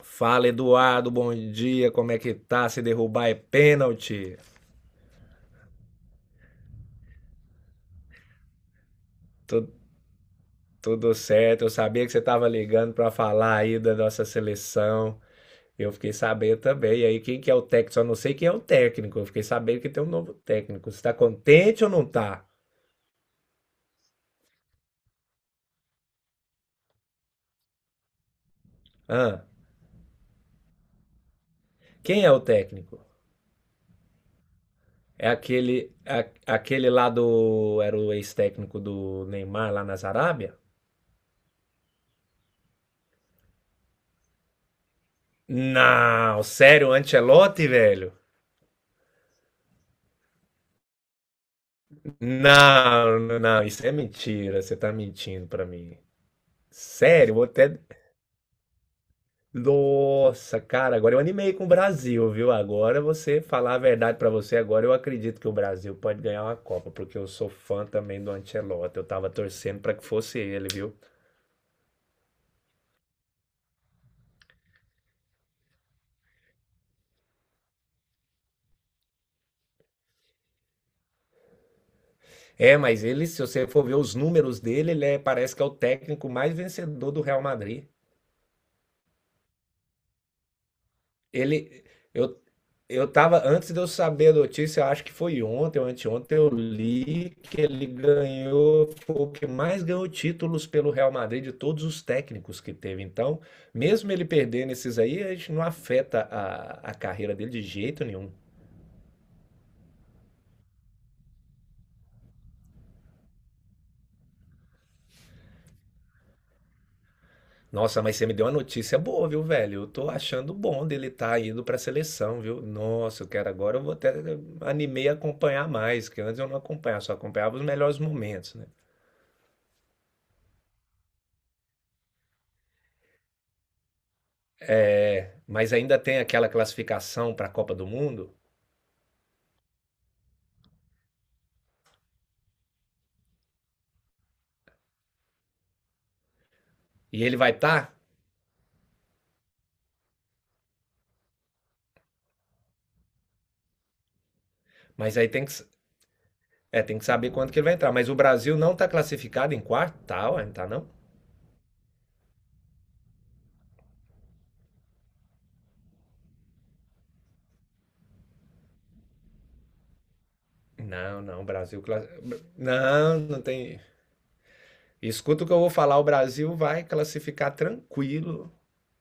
Fala, Eduardo, bom dia, como é que tá? Se derrubar é pênalti. Tu- tudo certo, eu sabia que você tava ligando pra falar aí da nossa seleção. Eu fiquei sabendo também. E aí, quem que é o técnico? Só não sei quem é o técnico. Eu fiquei sabendo que tem um novo técnico. Você tá contente ou não tá? Hã? Quem é o técnico? É aquele lá do. Era o ex-técnico do Neymar lá na Arábia? Não, sério, o Ancelotti, velho? Não, não, não, isso é mentira. Você tá mentindo pra mim. Sério, vou até. Nossa, cara, agora eu animei com o Brasil, viu? Agora você falar a verdade pra você, agora eu acredito que o Brasil pode ganhar uma Copa, porque eu sou fã também do Ancelotti. Eu tava torcendo pra que fosse ele, viu? É, mas ele, se você for ver os números dele, parece que é o técnico mais vencedor do Real Madrid. Ele, eu, eu tava, antes de eu saber a notícia, eu acho que foi ontem ou anteontem, eu li que ele ganhou, foi o que mais ganhou títulos pelo Real Madrid de todos os técnicos que teve. Então, mesmo ele perdendo esses aí, a gente não afeta a carreira dele de jeito nenhum. Nossa, mas você me deu uma notícia boa, viu, velho? Eu tô achando bom dele estar tá indo pra seleção, viu? Nossa, eu quero agora, eu vou até animei a acompanhar mais, que antes eu não acompanhava, só acompanhava os melhores momentos, né? É, mas ainda tem aquela classificação para a Copa do Mundo e ele vai estar, tá, mas aí tem que, é, tem que saber quando que ele vai entrar. Mas o Brasil não está classificado em quarto, tá, ué, não tá não? Não, não, não, não tem. Escuta o que eu vou falar, o Brasil vai classificar tranquilo,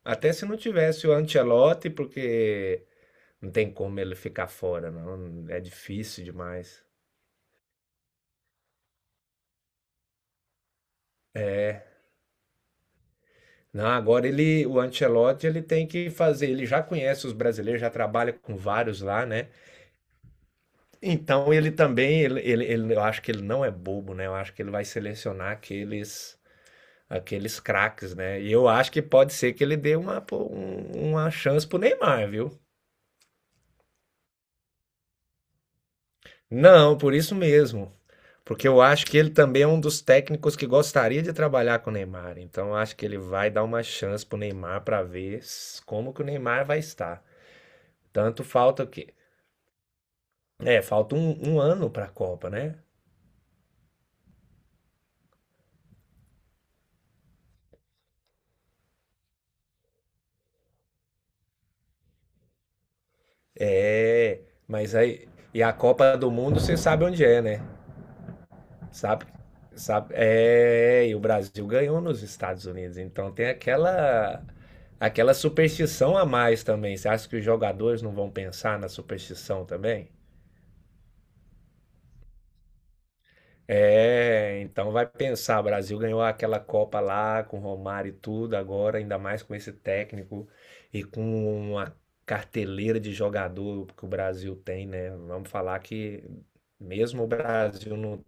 até se não tivesse o Ancelotti, porque não tem como ele ficar fora, não, é difícil demais. Não, agora ele, o Ancelotti, ele tem que fazer, ele já conhece os brasileiros, já trabalha com vários lá, né? Então ele também, eu acho que ele não é bobo, né? Eu acho que ele vai selecionar aqueles craques, né? E eu acho que pode ser que ele dê uma, pô, uma chance pro Neymar, viu? Não, por isso mesmo. Porque eu acho que ele também é um dos técnicos que gostaria de trabalhar com o Neymar. Então eu acho que ele vai dar uma chance pro Neymar para ver como que o Neymar vai estar. Tanto falta o quê? É, falta um ano para a Copa, né? É, mas aí. E a Copa do Mundo você sabe onde é, né? Sabe? Sabe? É, e o Brasil ganhou nos Estados Unidos, então tem aquela. Aquela superstição a mais também. Você acha que os jogadores não vão pensar na superstição também? É, então vai pensar, o Brasil ganhou aquela Copa lá com o Romário e tudo, agora ainda mais com esse técnico e com uma carteleira de jogador que o Brasil tem, né? Vamos falar que mesmo o Brasil não,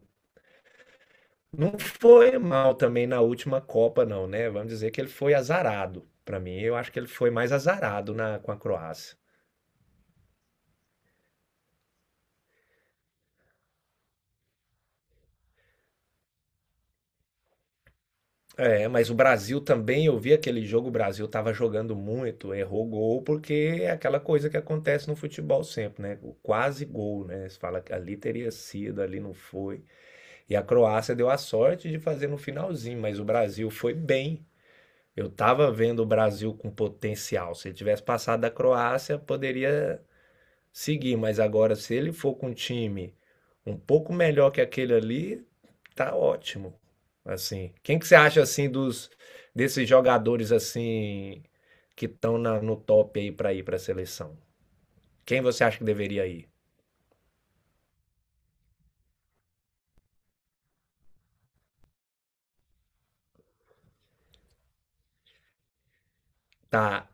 não foi mal também na última Copa, não, né? Vamos dizer que ele foi azarado. Para mim, eu acho que ele foi mais azarado na, com a Croácia. É, mas o Brasil também, eu vi aquele jogo, o Brasil estava jogando muito, errou gol, porque é aquela coisa que acontece no futebol sempre, né? O quase gol, né? Você fala que ali teria sido, ali não foi. E a Croácia deu a sorte de fazer no finalzinho, mas o Brasil foi bem. Eu estava vendo o Brasil com potencial. Se ele tivesse passado da Croácia, poderia seguir, mas agora se ele for com um time um pouco melhor que aquele ali, tá ótimo. Assim, quem que você acha assim dos desses jogadores assim que estão no top aí para ir para a seleção? Quem você acha que deveria ir? Tá.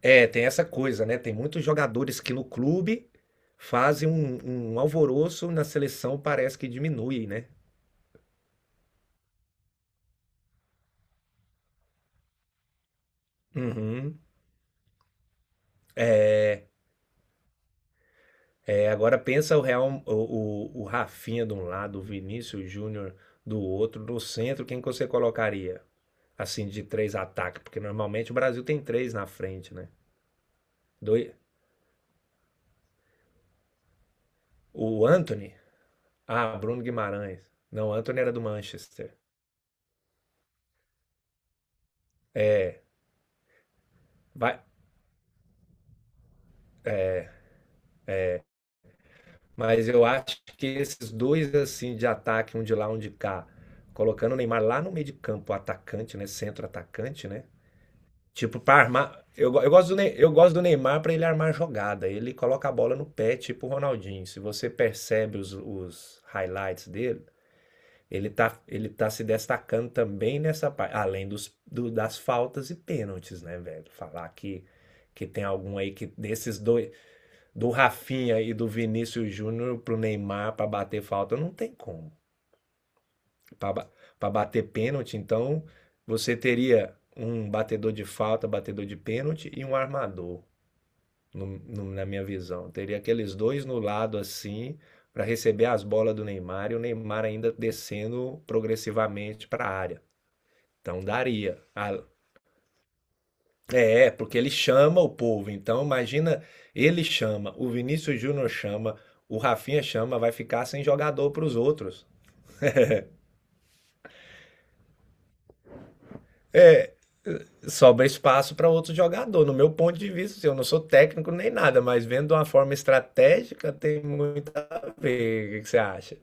É, tem essa coisa, né? Tem muitos jogadores que no clube fazem um alvoroço, na seleção parece que diminui, né? Uhum. É, agora pensa o Real, o Rafinha de um lado, o Vinícius Júnior do outro, no centro, quem que você colocaria? Assim, de três ataques, porque normalmente o Brasil tem três na frente, né? Doi- o Anthony? Ah, Bruno Guimarães. Não, o Anthony era do Manchester. Vai- mas eu acho que esses dois, assim, de ataque, um de lá, um de cá, colocando o Neymar lá no meio de campo, atacante, né? Centro atacante, né? Tipo, para armar. Eu gosto do Neymar para ele armar jogada. Ele coloca a bola no pé, tipo o Ronaldinho. Se você percebe os highlights dele, ele tá se destacando também nessa parte. Além das faltas e pênaltis, né, velho? Falar que tem algum aí que desses dois, do Rafinha e do Vinícius Júnior pro Neymar para bater falta, não tem como para bater pênalti, então você teria um batedor de falta, batedor de pênalti e um armador, na minha visão. Teria aqueles dois no lado assim para receber as bolas do Neymar e o Neymar ainda descendo progressivamente para a área. Então daria. A- É, é, porque ele chama o povo. Então imagina, ele chama, o Vinícius Júnior chama, o Rafinha chama, vai ficar sem jogador para os outros. Sobra espaço para outro jogador. No meu ponto de vista, assim, eu não sou técnico nem nada, mas vendo de uma forma estratégica tem muito a ver. O que que você acha?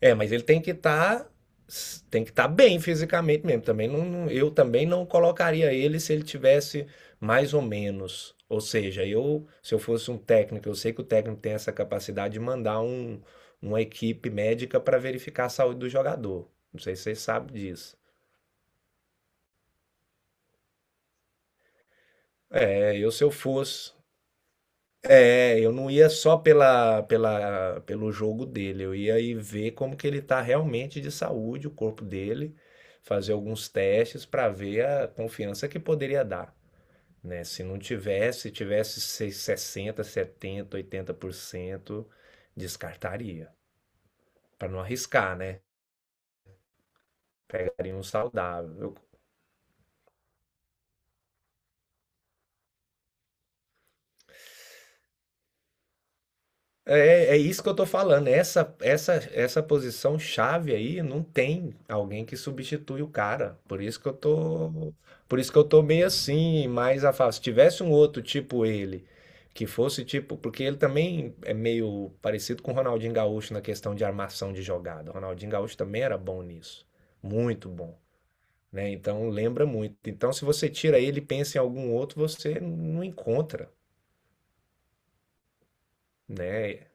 É, mas ele tem que estar bem fisicamente mesmo. Também não, eu também não colocaria ele se ele tivesse mais ou menos. Ou seja, eu, se eu fosse um técnico, eu sei que o técnico tem essa capacidade de mandar uma equipe médica para verificar a saúde do jogador. Não sei se vocês sabem disso. É, eu se eu fosse É, eu não ia só pelo jogo dele, eu ia aí ver como que ele tá realmente de saúde, o corpo dele, fazer alguns testes para ver a confiança que poderia dar, né? Se não tivesse, se tivesse 60, 70, 80%, descartaria, para não arriscar, né? Pegaria um saudável. Eu É, é isso que eu tô falando. Essa posição chave aí não tem alguém que substitui o cara. Por isso que eu tô, por isso que eu tô meio assim, mais afastado. Se tivesse um outro tipo ele, que fosse tipo, porque ele também é meio parecido com o Ronaldinho Gaúcho na questão de armação de jogada. O Ronaldinho Gaúcho também era bom nisso, muito bom, né? Então lembra muito. Então se você tira ele e pensa em algum outro, você não encontra, né?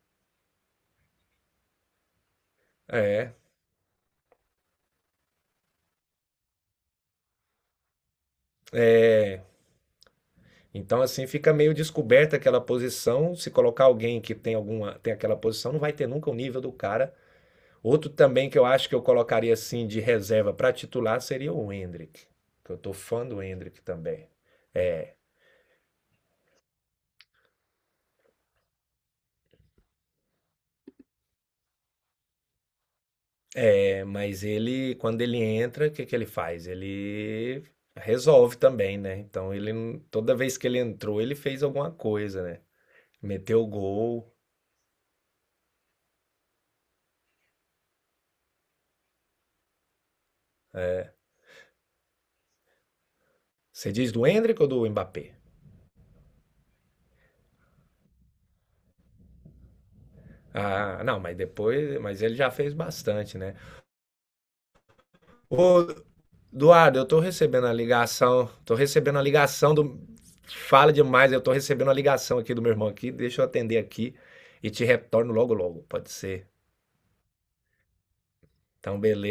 É. É. Então, assim, fica meio descoberta aquela posição. Se colocar alguém que tem alguma, tem aquela posição, não vai ter nunca o nível do cara. Outro também que eu acho que eu colocaria assim de reserva para titular seria o Endrick, que eu tô fã do Endrick também. É, mas ele, quando ele entra, o que que ele faz? Ele resolve também, né? Então, ele toda vez que ele entrou, ele fez alguma coisa, né? Meteu o gol. Você diz do Endrick ou do Mbappé? Ah, não, mas depois, mas ele já fez bastante, né? Ô, Eduardo, eu tô recebendo a ligação, tô recebendo a ligação do. Fala demais, eu tô recebendo a ligação aqui do meu irmão aqui, deixa eu atender aqui e te retorno logo logo, pode ser. Então, beleza.